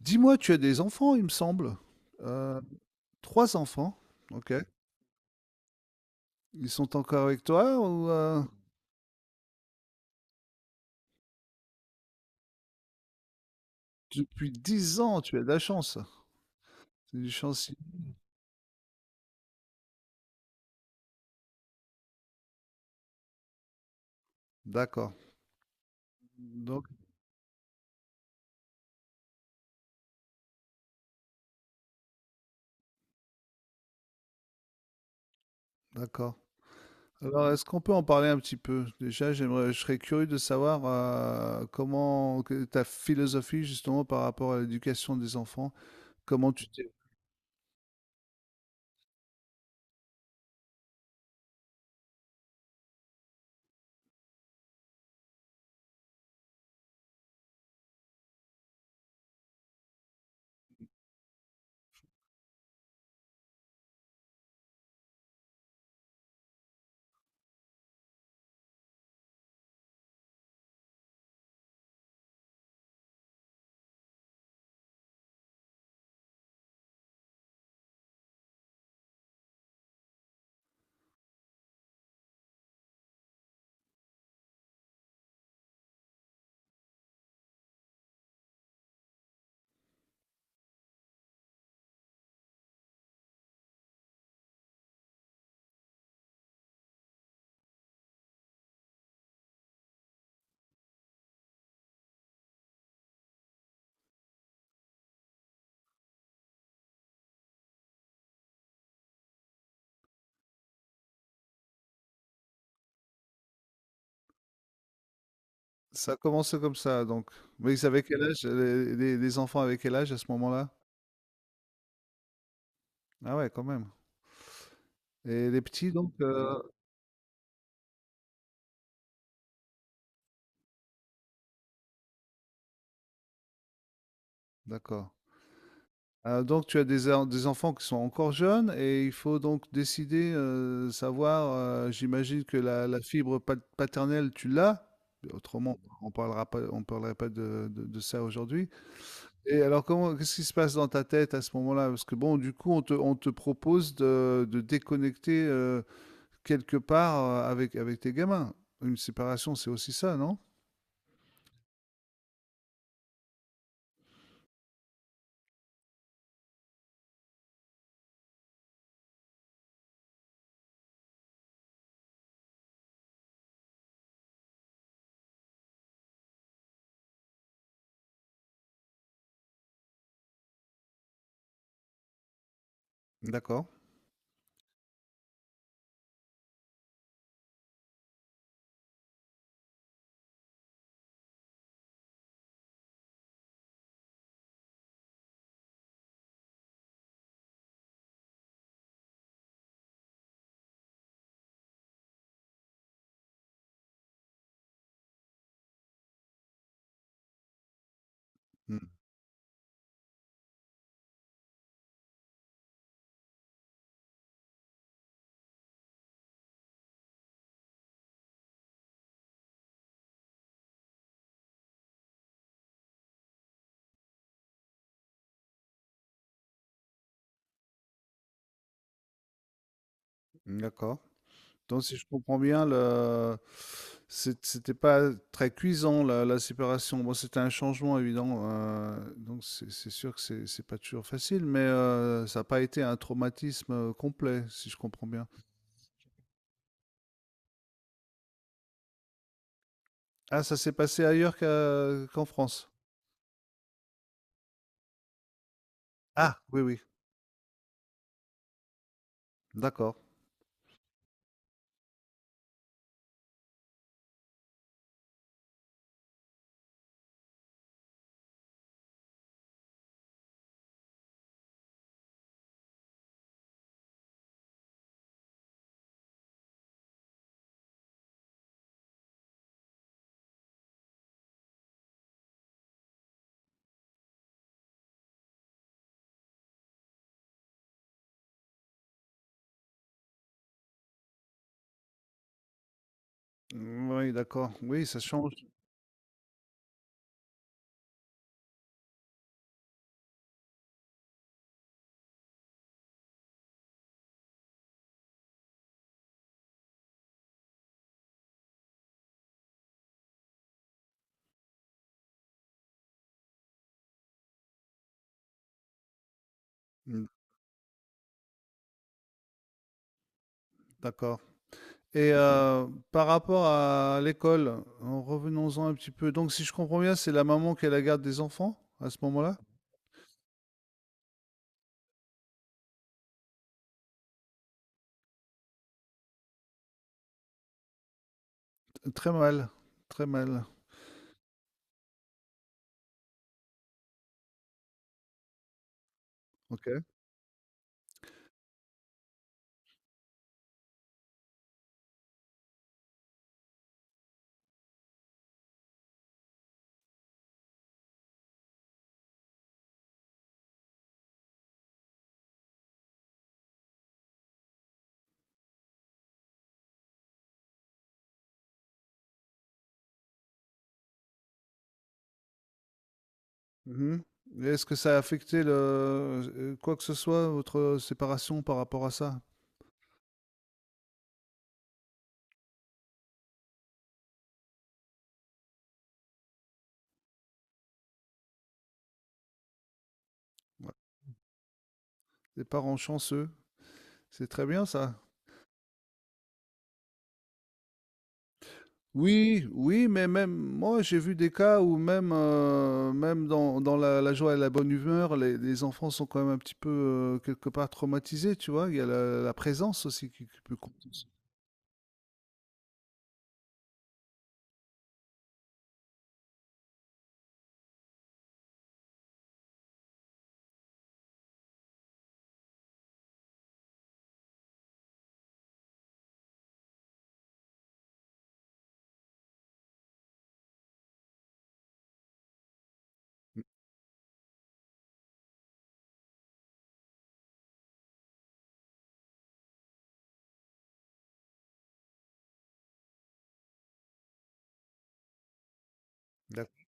Dis-moi, tu as des enfants, il me semble. Euh, Trois enfants, ok. Ils sont encore avec toi ou depuis 10 ans, tu as de la chance. C'est du chancier. D'accord. Donc, d'accord. Alors, est-ce qu'on peut en parler un petit peu? Déjà, je serais curieux de savoir ta philosophie justement par rapport à l'éducation des enfants. Comment tu t'es. Ça a commencé comme ça, donc. Mais ils avaient quel âge? Les enfants avaient quel âge à ce moment-là? Ah ouais, quand même. Et les petits, donc, d'accord. Donc tu as des enfants qui sont encore jeunes et il faut donc décider, savoir, j'imagine que la fibre paternelle tu l'as? Mais autrement, on parlerait pas de ça aujourd'hui. Et alors, comment qu'est-ce qui se passe dans ta tête à ce moment-là? Parce que bon, du coup, on te propose de déconnecter, quelque part, avec tes gamins. Une séparation, c'est aussi ça, non? D'accord. Mmh. D'accord. Donc, si je comprends bien, c'était pas très cuisant la- la séparation. Bon, c'était un changement évident, donc c'est sûr que c'est pas toujours facile, mais ça n'a pas été un traumatisme complet, si je comprends bien. Ah, ça s'est passé ailleurs qu'en France. Ah, oui, oui, d'accord. Mm, oui, d'accord. Oui, ça change. Mm, d'accord. Et par rapport à l'école, en revenons-en un petit peu. Donc, si je comprends bien, c'est la maman qui a la garde des enfants à ce moment-là? Très mal, très mal. OK. Mmh. Et est-ce que ça a affecté quoi que ce soit, votre séparation par rapport à ça? Ouais. Les parents chanceux, c'est très bien ça. Oui, oui, mais même moi, j'ai vu des cas où même, même dans la joie et la bonne humeur, les enfants sont quand même un petit peu, quelque part traumatisés, tu vois? Il y a la présence aussi qui peut compter aussi. Mmh, d'acc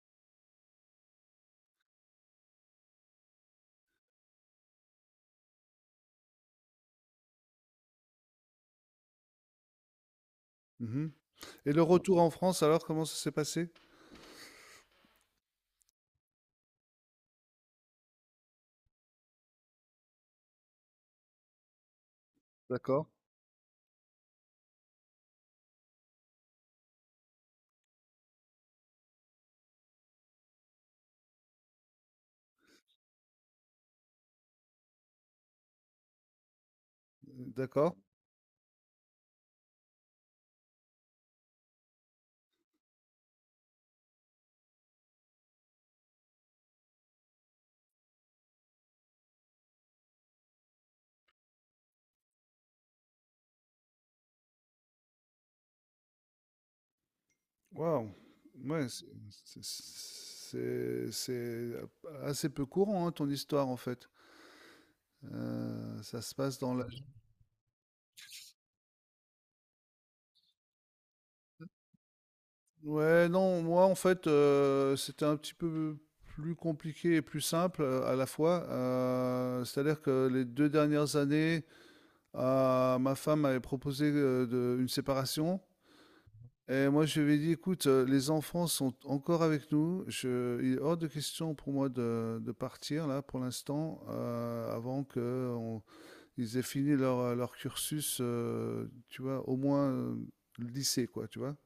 mmh Et le retour en France, alors, comment ça s'est passé? D'accord, d'accord. Waouh! Ouais, c'est c'est assez peu courant, hein, ton histoire, en fait. Ça se passe dans la. Ouais, non, moi, en fait, c'était un petit peu plus compliqué et plus simple, à la fois. C'est-à-dire que les 2 dernières années, ma femme m'avait proposé, de une séparation. Et moi, je lui ai dit, écoute, les enfants sont encore avec nous. Il est hors de question pour moi de partir là pour l'instant, avant qu'ils aient fini leur cursus, tu vois, au moins le lycée, quoi, tu vois.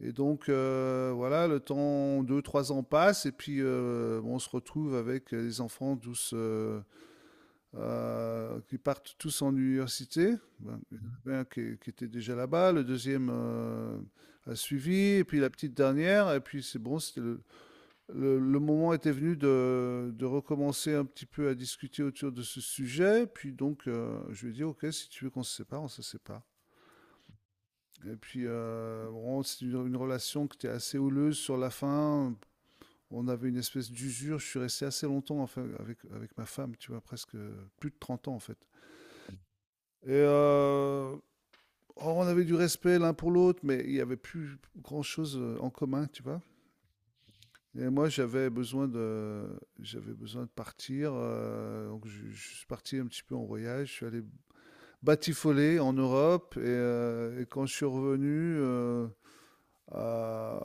Et donc, voilà, le temps, 2, 3 ans passe, et puis on se retrouve avec les enfants tous, qui partent tous en université. Ben, il y en avait un qui était déjà là-bas, le deuxième a suivi, et puis la petite dernière, et puis c'est bon, c'était le moment était venu de recommencer un petit peu à discuter autour de ce sujet, puis donc je lui ai dit, ok, si tu veux qu'on se sépare, on se sépare. Et puis, bon, c'est une relation qui était assez houleuse sur la fin. On avait une espèce d'usure. Je suis resté assez longtemps enfin, avec ma femme, tu vois, presque plus de 30 ans en fait. Et oh, on avait du respect l'un pour l'autre, mais il n'y avait plus grand-chose en commun, tu vois. Et moi, j'avais besoin de partir. Donc, je suis parti un petit peu en voyage. Je suis allé batifoler en Europe. Et quand je suis revenu, euh,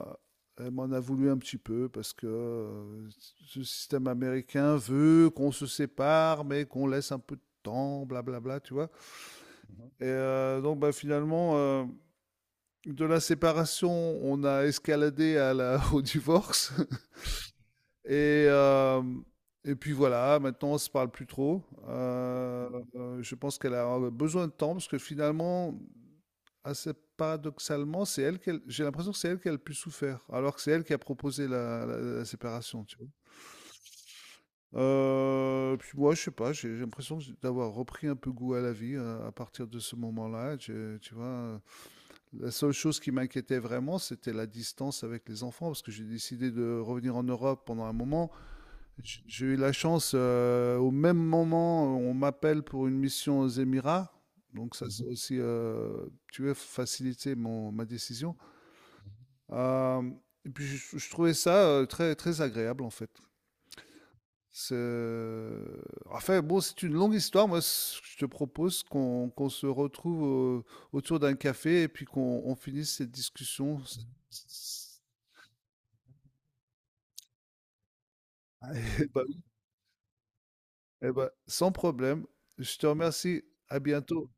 elle m'en a voulu un petit peu parce que ce système américain veut qu'on se sépare, mais qu'on laisse un peu de temps, blablabla, tu vois. Et donc, bah, finalement, de la séparation, on a escaladé au divorce. Et, euh, et puis voilà, maintenant, on se parle plus trop. Je pense qu'elle a besoin de temps parce que finalement, assez paradoxalement, j'ai l'impression que c'est elle qui a le plus souffert, alors que c'est elle qui a proposé la séparation, tu vois. Puis moi, je sais pas, j'ai l'impression que d'avoir repris un peu goût à la vie à partir de ce moment-là. Tu vois, la seule chose qui m'inquiétait vraiment, c'était la distance avec les enfants, parce que j'ai décidé de revenir en Europe pendant un moment. J'ai eu la chance, au même moment, on m'appelle pour une mission aux Émirats, donc ça c'est aussi, tu veux, faciliter ma décision. Euh, et puis je trouvais ça très, très agréable en fait. C'est- Enfin, bon, c'est une longue histoire. Moi, je te propose qu'on se retrouve autour d'un café et puis qu'on on finisse cette discussion. Eh ben, eh ben, sans problème. Je te remercie. À bientôt.